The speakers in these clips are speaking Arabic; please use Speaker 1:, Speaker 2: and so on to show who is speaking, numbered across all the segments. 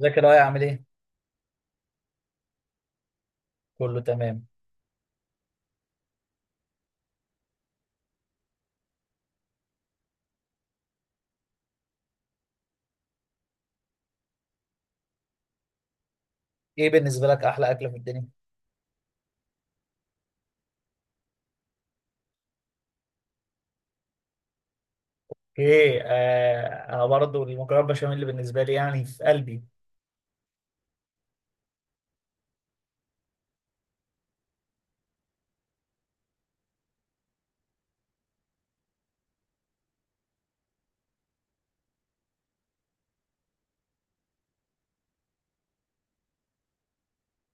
Speaker 1: ازيك يا لؤي، عامل ايه؟ كله تمام. ايه بالنسبة لك أحلى أكلة في الدنيا؟ ايه، آه، انا برضه المكرونه بشاميل اللي بالنسبه لي يعني في قلبي.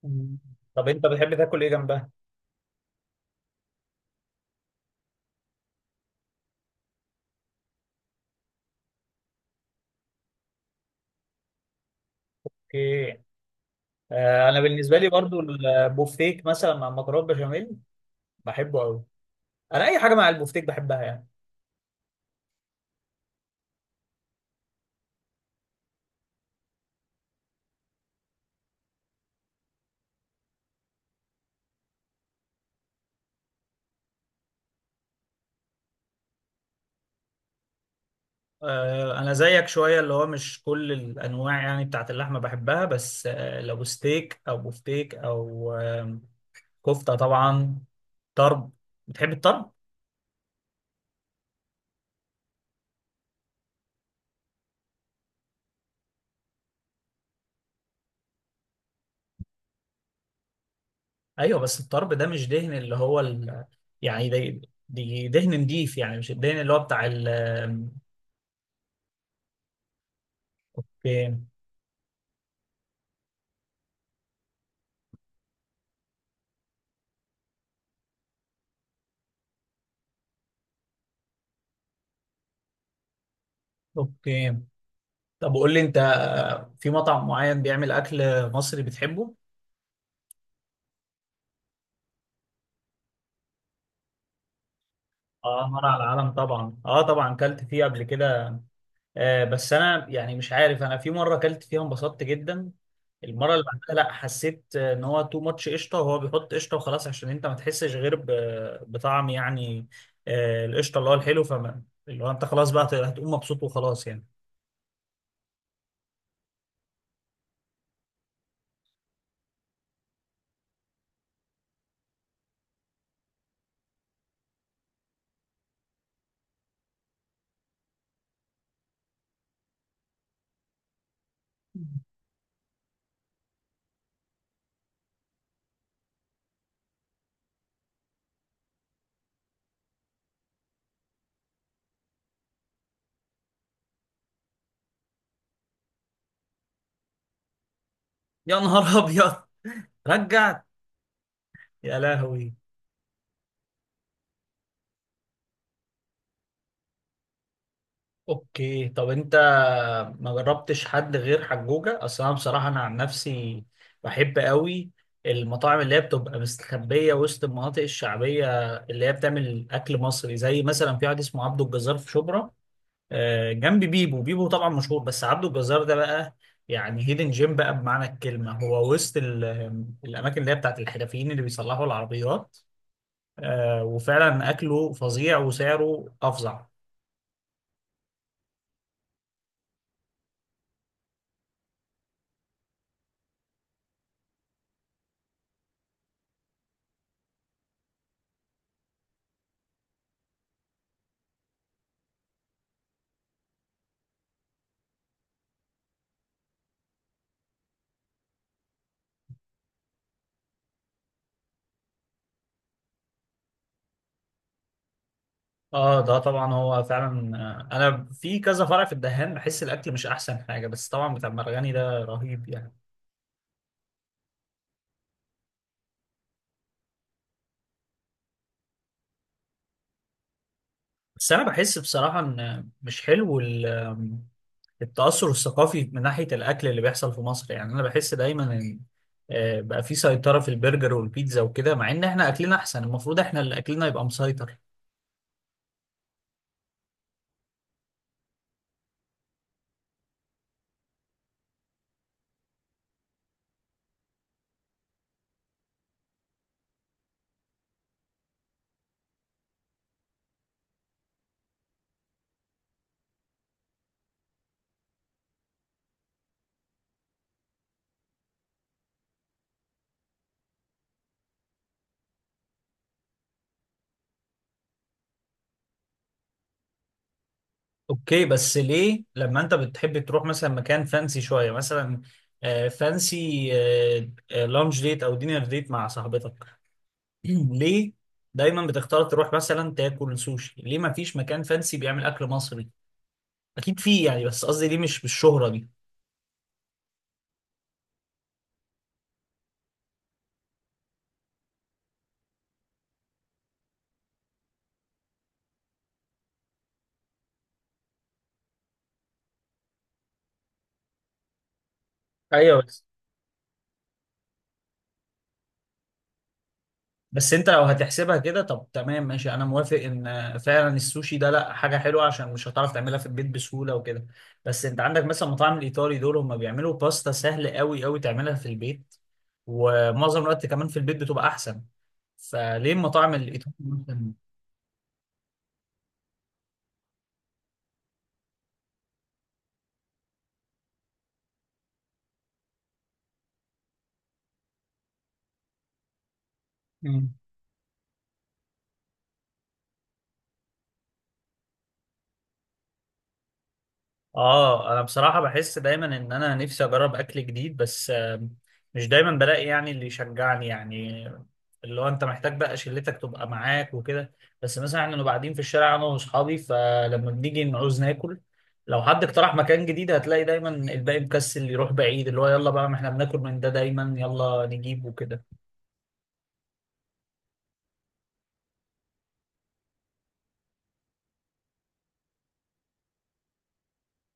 Speaker 1: مم. طب انت بتحب تاكل ايه جنبها؟ ايه، آه، انا بالنسبه لي برضه البوفتيك مثلا مع المكرونه بشاميل. بحبه قوي. انا اي حاجه مع البوفتيك بحبها يعني. آه، انا زيك شويه اللي هو مش كل الانواع يعني بتاعت اللحمه بحبها، بس لو ستيك او بوفتيك او كفته طبعا. طرب. بتحب الطرب؟ ايوه، بس الطرب ده مش دهن، اللي هو يعني دي دهن نضيف يعني مش الدهن اللي هو بتاع اوكي. اوكي، طب قول لي انت، في مطعم معين بيعمل اكل مصري بتحبه؟ اه، مر على العالم طبعا، اه طبعا كلت فيه قبل كده. بس انا يعني مش عارف، انا في مره اكلت فيها انبسطت جدا، المره اللي بعدها لا، حسيت ان هو تو ماتش قشطه، وهو بيحط قشطه وخلاص عشان انت ما تحسش غير بطعم يعني. القشطه اللي هو الحلو، فما اللي هو انت خلاص بقى هتقوم مبسوط وخلاص يعني. يا نهار ابيض، رجعت! يا لهوي! اوكي، طب انت ما جربتش حد غير حجوجة؟ اصل انا بصراحة انا عن نفسي بحب قوي المطاعم اللي هي بتبقى مستخبية وسط المناطق الشعبية، اللي هي بتعمل اكل مصري، زي مثلا في واحد اسمه عبده الجزار في شبرا، جنب بيبو. بيبو طبعا مشهور، بس عبده الجزار ده بقى يعني هيدن جيم بقى بمعنى الكلمة، هو وسط الاماكن اللي هي بتاعت الحرفيين اللي بيصلحوا العربيات. وفعلا اكله فظيع وسعره افظع. اه ده طبعا هو فعلا. انا في كذا فرع في الدهان، بحس الاكل مش احسن حاجه، بس طبعا بتاع المرغني ده رهيب يعني. بس انا بحس بصراحه ان مش حلو ال- آم، التاثر الثقافي من ناحيه الاكل اللي بيحصل في مصر، يعني انا بحس دايما ان بقى في سيطره في البرجر والبيتزا وكده، مع ان احنا اكلنا احسن، المفروض احنا اللي اكلنا يبقى مسيطر. اوكي، بس ليه لما انت بتحب تروح مثلا مكان فانسي شويه، مثلا فانسي، لانش ديت او دينر ديت مع صاحبتك، ليه دايما بتختار تروح مثلا تاكل سوشي؟ ليه ما فيش مكان فانسي بيعمل اكل مصري؟ اكيد فيه يعني، بس قصدي ليه مش بالشهرة دي؟ ايوه، بس انت لو هتحسبها كده، طب تمام ماشي، انا موافق ان فعلا السوشي ده لا حاجه حلوه عشان مش هتعرف تعملها في البيت بسهوله وكده، بس انت عندك مثلا المطاعم الايطالي دول هم بيعملوا باستا سهل قوي قوي تعملها في البيت، ومعظم الوقت كمان في البيت بتبقى احسن، فليه المطاعم الايطالي مثلا؟ اه انا بصراحة بحس دايما ان انا نفسي اجرب اكل جديد، بس مش دايما بلاقي يعني اللي يشجعني يعني، اللي هو انت محتاج بقى شلتك تبقى معاك وكده، بس مثلا احنا بنبقى قاعدين في الشارع انا واصحابي، فلما بنيجي نعوز ناكل لو حد اقترح مكان جديد هتلاقي دايما الباقي مكسل يروح بعيد، اللي هو يلا بقى ما احنا بناكل من ده دايما، يلا نجيب وكده.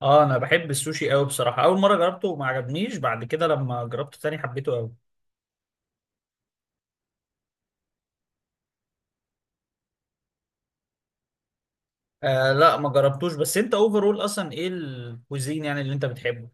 Speaker 1: اه انا بحب السوشي قوي بصراحة، اول مرة جربته وما عجبنيش، بعد كده لما جربته تاني حبيته قوي. آه، لا ما جربتوش. بس انت اوفرول اصلا ايه الكوزين يعني اللي انت بتحبه؟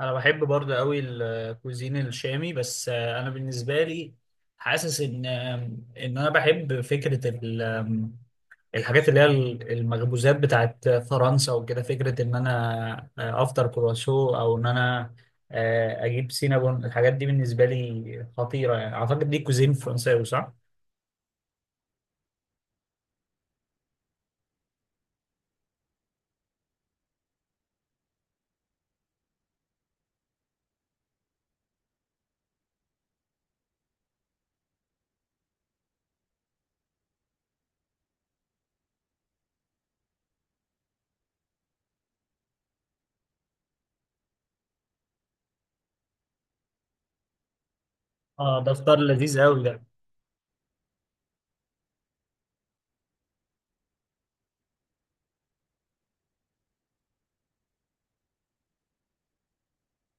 Speaker 1: انا بحب برضه قوي الكوزين الشامي، بس آه، انا بالنسبه لي حاسس ان ان انا بحب فكره ال- آم، الحاجات اللي هي المخبوزات بتاعت فرنسا وكده، فكره ان انا افطر كرواسو او ان انا اجيب سينابون، الحاجات دي بالنسبه لي خطيره يعني، اعتقد دي كوزين فرنساوي، صح؟ اه ده فطار لذيذ قوي ده.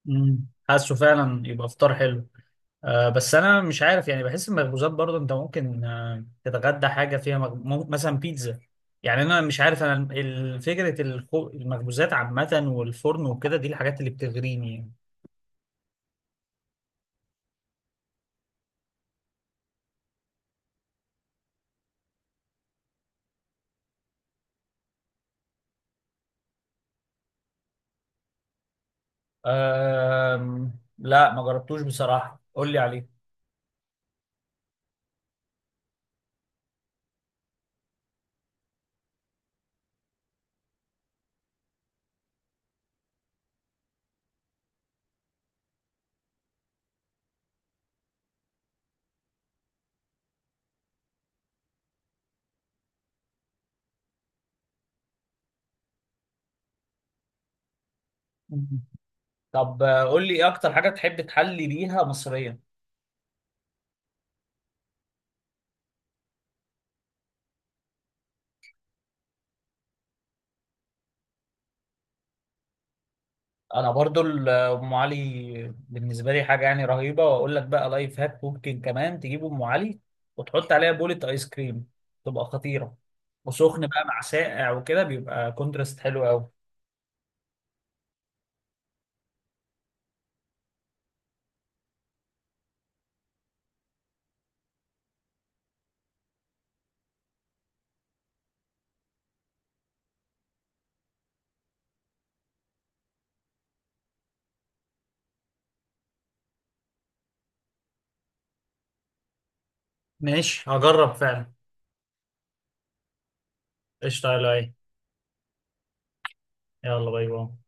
Speaker 1: مم. حاسه فعلا يبقى فطار حلو. بس انا مش عارف يعني، بحس المخبوزات برضه انت ممكن تتغدى حاجه فيها مثلا بيتزا، يعني انا مش عارف، انا فكره المخبوزات عامه والفرن وكده، دي الحاجات اللي بتغريني يعني. أم... لا ما جربتوش بصراحة، قول لي عليه. مم. طب قول لي ايه اكتر حاجة بتحب تحلي بيها مصريا؟ انا برضو ام علي بالنسبه لي حاجه يعني رهيبه، واقول لك بقى لايف هاك، ممكن كمان تجيب ام علي وتحط عليها بولة ايس كريم، تبقى خطيره، وسخن بقى مع ساقع وكده بيبقى كونتراست حلو قوي. ماشي، هجرب فعلا. قشطة يا لؤي. يلا باي باي.